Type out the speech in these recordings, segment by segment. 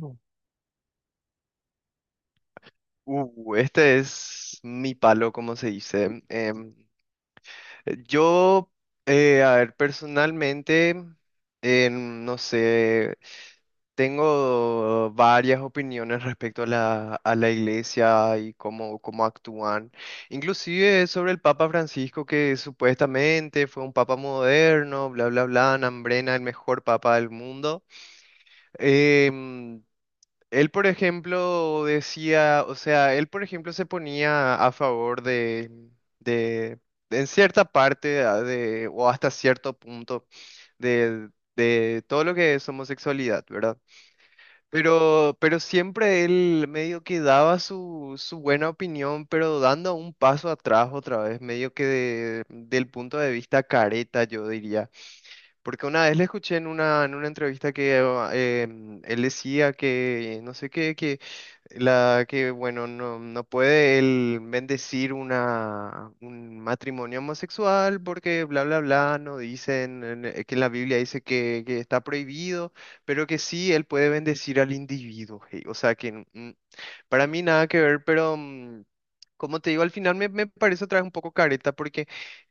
No. Este es mi palo, como se dice. Yo, a ver, personalmente, no sé, tengo varias opiniones respecto a la iglesia y cómo actúan. Inclusive sobre el Papa Francisco, que supuestamente fue un papa moderno, bla, bla, bla, Nambrena, el mejor papa del mundo. Em, él, por ejemplo, decía, o sea, él, por ejemplo, se ponía a favor de, en cierta parte de, o hasta cierto punto de, de todo lo que es homosexualidad, ¿verdad? Pero siempre él medio que daba su buena opinión, pero dando un paso atrás otra vez, medio que del punto de vista careta, yo diría. Porque una vez le escuché en una entrevista que eh, él decía que, no sé qué, que bueno, no puede él bendecir un matrimonio homosexual porque bla, bla, bla, no dicen, que en la Biblia dice que está prohibido, pero que sí, él puede bendecir al individuo. Hey, o sea, que para mí nada que ver, pero... mm, como te digo, al final me parece otra vez un poco careta.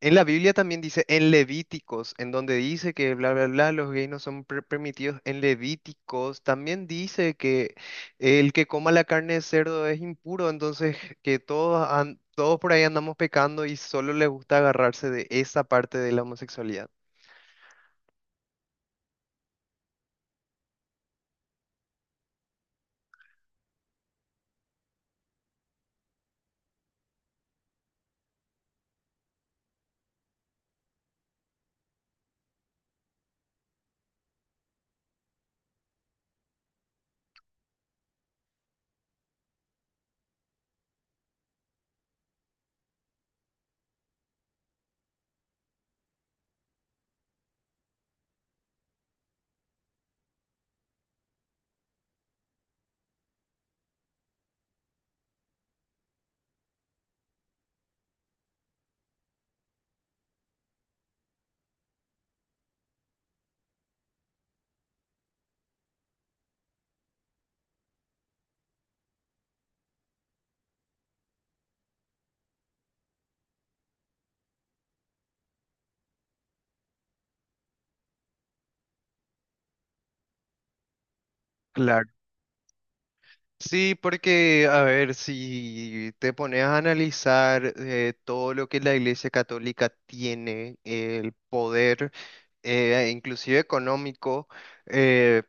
En la Biblia también dice en Levíticos, en donde dice que bla, bla, bla, los gays no son permitidos. En Levíticos también dice que el que coma la carne de cerdo es impuro, entonces que todos por ahí andamos pecando y solo les gusta agarrarse de esa parte de la homosexualidad. Claro. Sí, porque, a ver, si te pones a analizar todo lo que la Iglesia Católica tiene, el poder, inclusive económico, eh,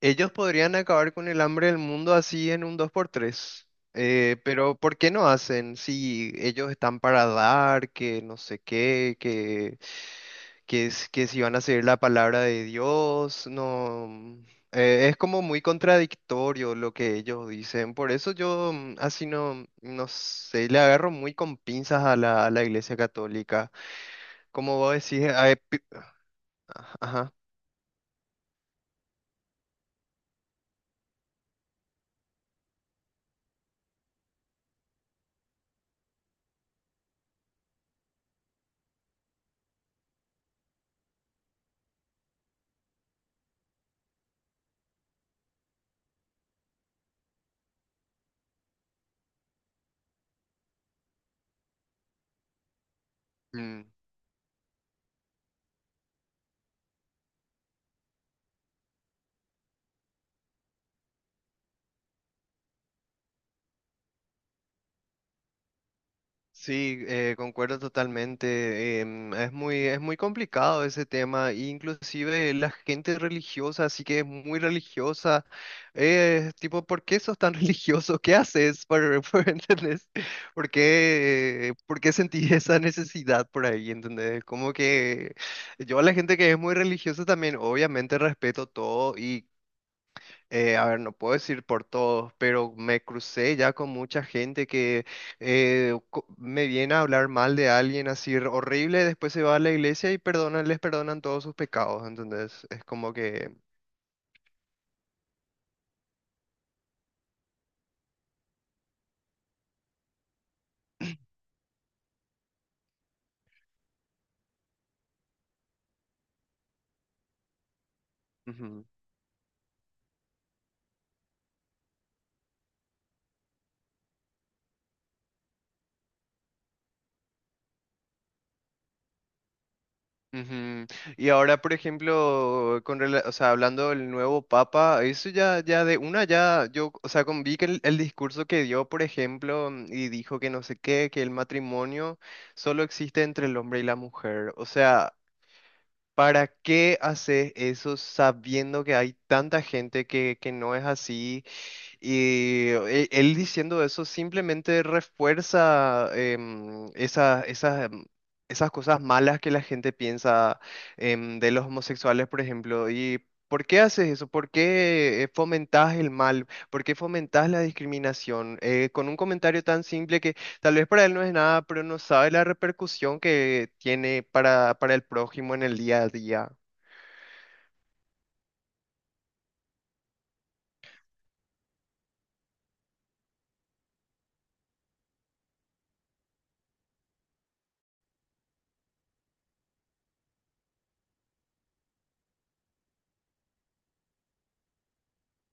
ellos podrían acabar con el hambre del mundo así en un dos por tres. Pero ¿por qué no hacen? Si ellos están para dar, que no sé qué, que si van a seguir la palabra de Dios, no. Es como muy contradictorio lo que ellos dicen. Por eso yo así no sé, le agarro muy con pinzas a la Iglesia Católica. Como vos decís, a- ajá. Mm. Sí, concuerdo totalmente. Es es muy complicado ese tema. E inclusive la gente religiosa, así que es muy religiosa. Tipo, ¿por qué sos tan religioso? ¿Qué haces? Por, por, ¿entendés? ¿Por qué sentís esa necesidad por ahí? ¿Entendés? Como que yo a la gente que es muy religiosa también, obviamente respeto todo y a ver, no puedo decir por todos, pero me crucé ya con mucha gente que me viene a hablar mal de alguien así r- horrible, después se va a la iglesia y perdonan, les perdonan todos sus pecados, entonces es como que... ujú, ujú. Y ahora, por ejemplo, con, rela- o sea, hablando del nuevo papa, eso ya, ya de una ya, yo, o sea, con, vi que el discurso que dio, por ejemplo, y dijo que no sé qué, que el matrimonio solo existe entre el hombre y la mujer, o sea... ¿Para qué haces eso sabiendo que hay tanta gente que no es así? Y él diciendo eso simplemente refuerza esas, esas cosas malas que la gente piensa de los homosexuales, por ejemplo. ¿Y por qué haces eso? ¿Por qué fomentás el mal? ¿Por qué fomentás la discriminación? Con un comentario tan simple que tal vez para él no es nada, pero no sabe la repercusión que tiene para el prójimo en el día a día.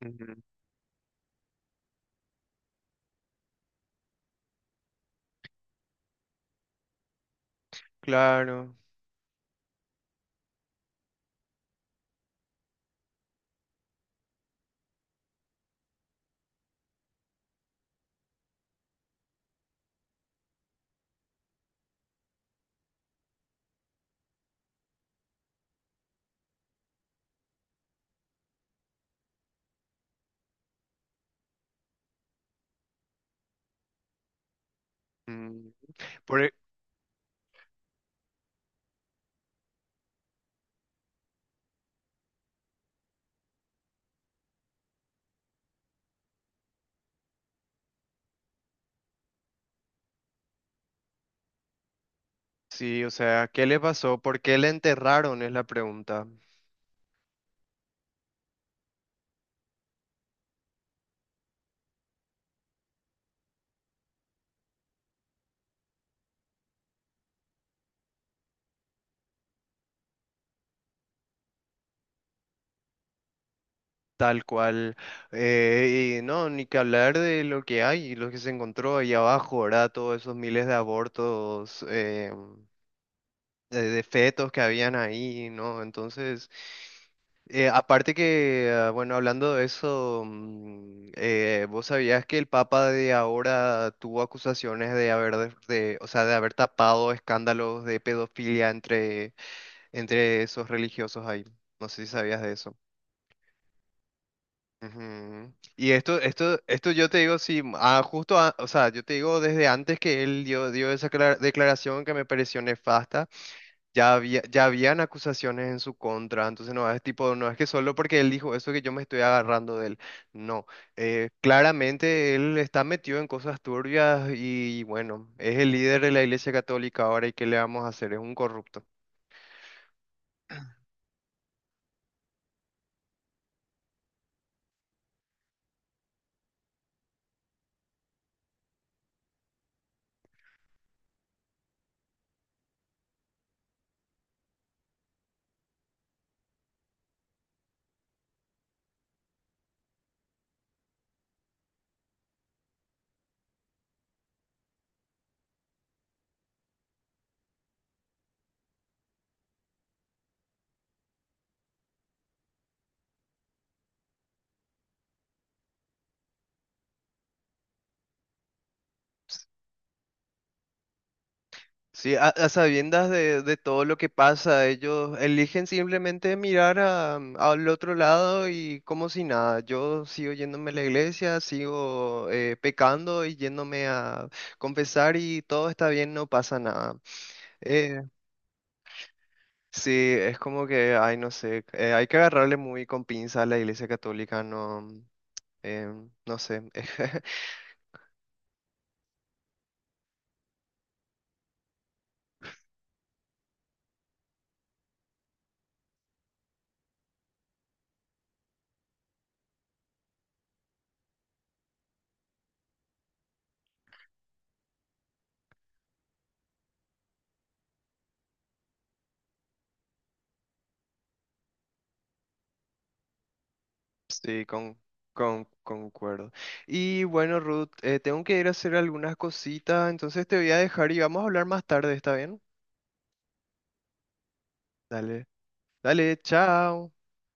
Ujú, claro. Mm. Por e- sí, o sea, ¿qué le pasó? ¿Por qué le enterraron? Es la pregunta. Tal cual. Y no, ni que hablar de lo que hay, lo que se encontró ahí abajo, ¿verdad? Todos esos miles de abortos. De fetos que habían ahí, ¿no? Entonces, aparte que, ah, bueno, hablando de eso, ¿vos sabías que el Papa de ahora tuvo acusaciones de haber, o sea, de haber tapado escándalos de pedofilia entre, entre esos religiosos ahí? No sé si sabías de eso. Ujú. Y esto yo te digo, sí, ah, justo, a- o sea, yo te digo desde antes que él dio esa declaración que me pareció nefasta. Ya habían acusaciones en su contra, entonces no es tipo, no es que solo porque él dijo eso que yo me estoy agarrando de él. No, claramente él está metido en cosas turbias y bueno, es el líder de la Iglesia Católica ahora y ¿qué le vamos a hacer? Es un corrupto. Sí, a sabiendas de todo lo que pasa, ellos eligen simplemente mirar al otro lado y como si nada. Yo sigo yéndome a la iglesia, sigo pecando y yéndome a confesar y todo está bien, no pasa nada. Eh, sí, es como que, ay, no sé, hay que agarrarle muy con pinza a la iglesia católica, no, eh, no sé. Sí, concuerdo. Y bueno, Ruth, tengo que ir a hacer algunas cositas, entonces te voy a dejar y vamos a hablar más tarde, ¿está bien? Dale, dale, chao.